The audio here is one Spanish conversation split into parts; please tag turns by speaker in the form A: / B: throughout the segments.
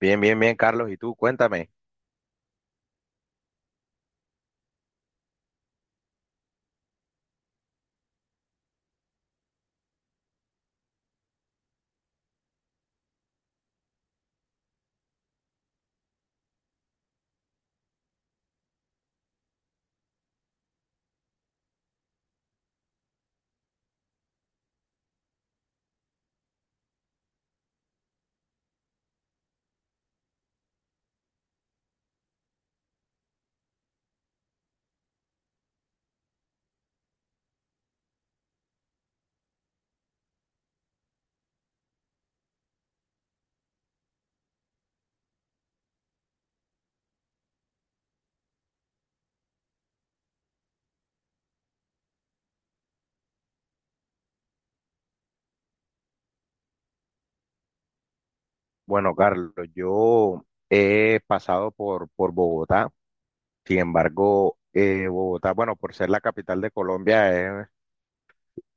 A: Bien, bien, bien, Carlos. ¿Y tú? Cuéntame. Bueno, Carlos, yo he pasado por Bogotá. Sin embargo, Bogotá, bueno, por ser la capital de Colombia,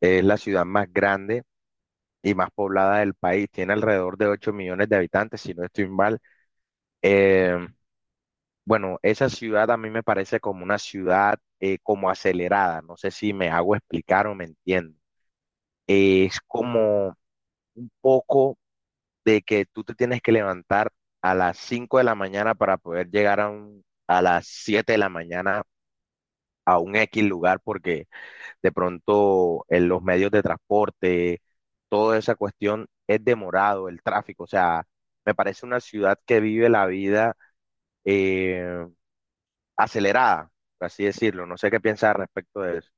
A: es la ciudad más grande y más poblada del país. Tiene alrededor de 8 millones de habitantes, si no estoy mal. Eh, bueno, esa ciudad a mí me parece como una ciudad como acelerada. No sé si me hago explicar o me entiendo. Es como un poco de que tú te tienes que levantar a las 5 de la mañana para poder llegar a las 7 de la mañana a un X lugar porque de pronto en los medios de transporte, toda esa cuestión es demorado, el tráfico, o sea, me parece una ciudad que vive la vida eh, acelerada, por así decirlo, no sé qué piensas al respecto de eso.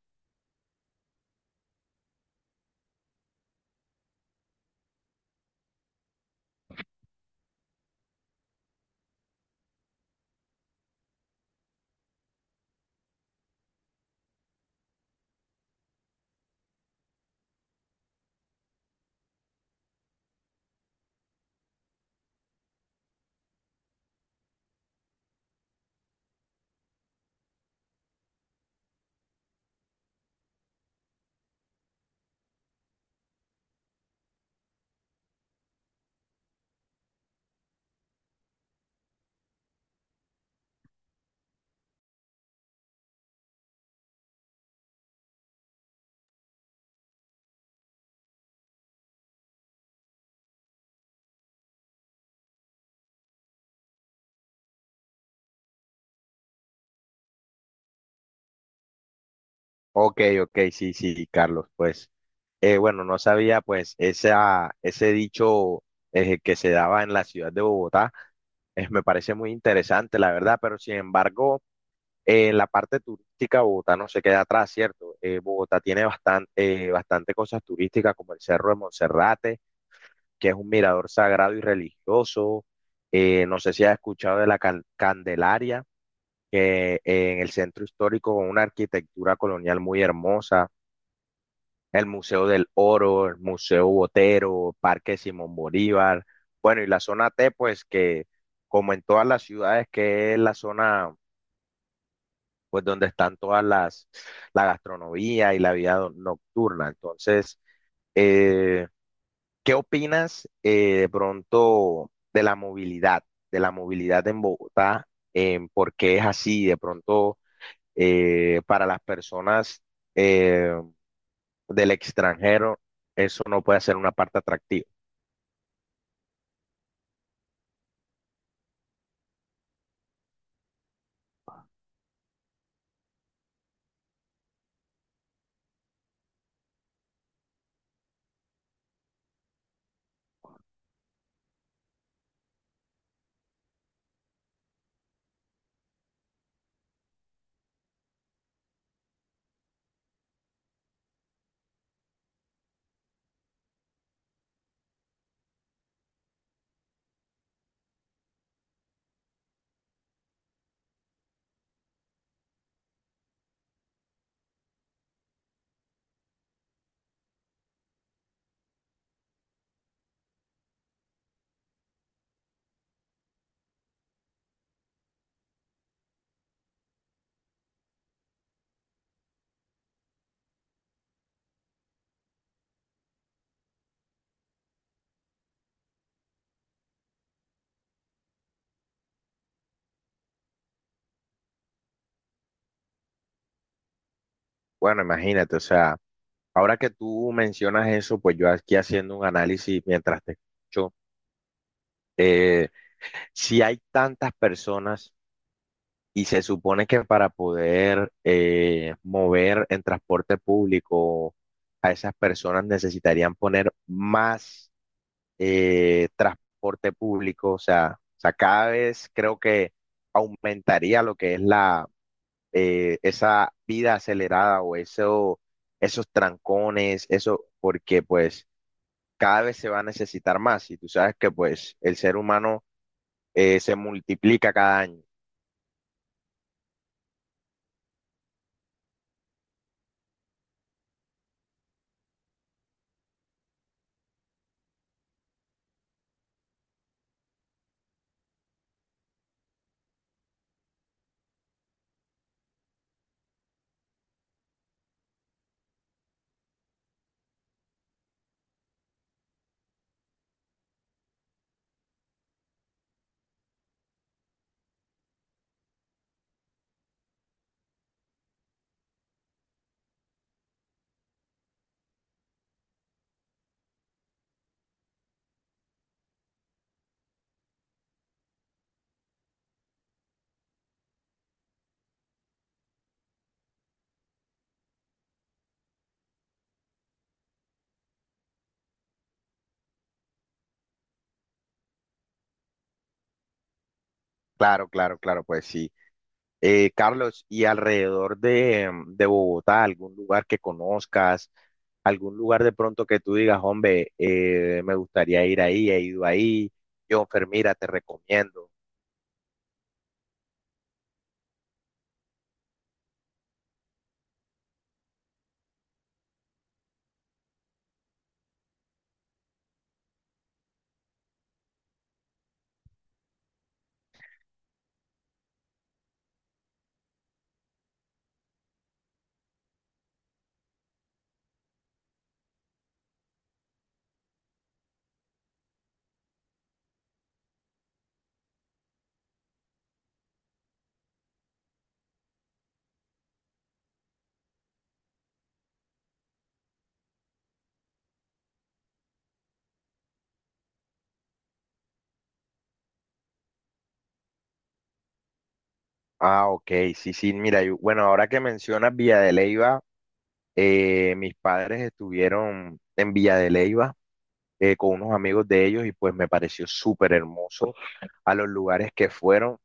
A: Ok, ok, sí, sí, Carlos, pues, bueno, no sabía, pues, ese dicho que se daba en la ciudad de Bogotá, me parece muy interesante, la verdad, pero sin embargo, en la parte turística, Bogotá no se queda atrás, ¿cierto? Bogotá tiene bastante, bastante cosas turísticas, como el Cerro de Monserrate, que es un mirador sagrado y religioso, no sé si has escuchado de la Candelaria, que en el centro histórico, con una arquitectura colonial muy hermosa, el Museo del Oro, el Museo Botero, Parque Simón Bolívar, bueno, y la zona T, pues que como en todas las ciudades, que es la zona, pues donde están la gastronomía y la vida nocturna. Entonces, eh, ¿qué opinas de pronto de la movilidad en Bogotá, en por qué es así, de pronto para las personas? eh, Del extranjero, eso no puede ser una parte atractiva. Bueno, imagínate, o sea, ahora que tú mencionas eso, pues yo aquí haciendo un análisis mientras te escucho, eh, si hay tantas personas y se supone que para poder mover en transporte público a esas personas necesitarían poner más transporte público, o sea, cada vez creo que aumentaría lo que es la esa vida acelerada o eso, esos trancones, eso, porque pues cada vez se va a necesitar más y tú sabes que pues el ser humano se multiplica cada año. Claro, claro, claro, pues sí. Carlos, ¿y alrededor de, de Bogotá, algún lugar que conozcas, algún lugar de pronto que tú digas, hombre, me gustaría ir ahí, he ido ahí, Jonfer, mira, te recomiendo? Ah, ok, sí, sí, mira, bueno, ahora que mencionas Villa de Leyva, eh, mis padres estuvieron en Villa de Leyva con unos amigos de ellos y pues me pareció súper hermoso a los lugares que fueron.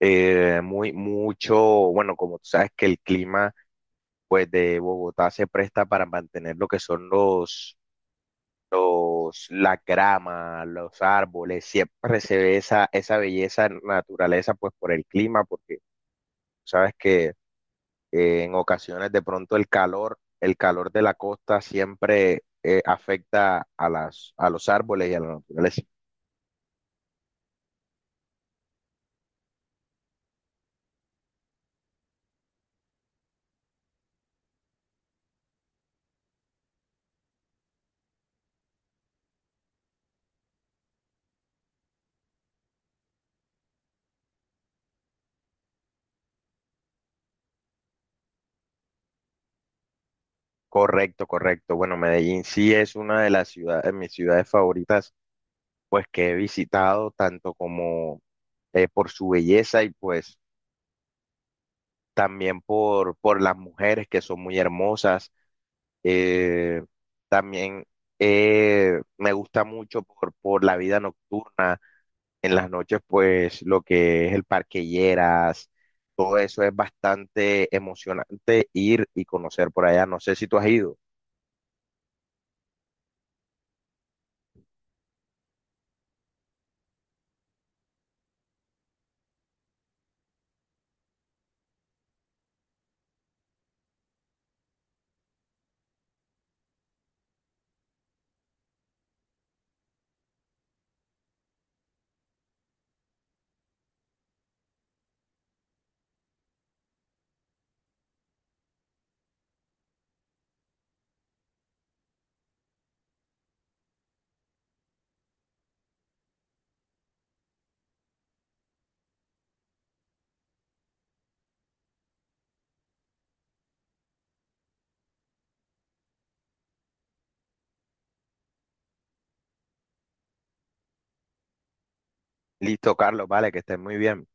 A: eh, muy, mucho, bueno, como tú sabes que el clima pues de Bogotá se presta para mantener lo que son la grama, los árboles, siempre se ve esa belleza naturaleza pues por el clima, porque tú sabes que en ocasiones de pronto el calor de la costa siempre afecta a a los árboles y a la naturaleza. Correcto, correcto. Bueno, Medellín sí es una de las ciudades, de mis ciudades favoritas que he visitado, tanto como por su belleza y pues también por las mujeres que son muy hermosas. Eh, también me gusta mucho por la vida nocturna. En las noches, pues lo que es el Parque Lleras, todo eso es bastante emocionante ir y conocer por allá. No sé si tú has ido. Listo, Carlos, vale, que estés muy bien.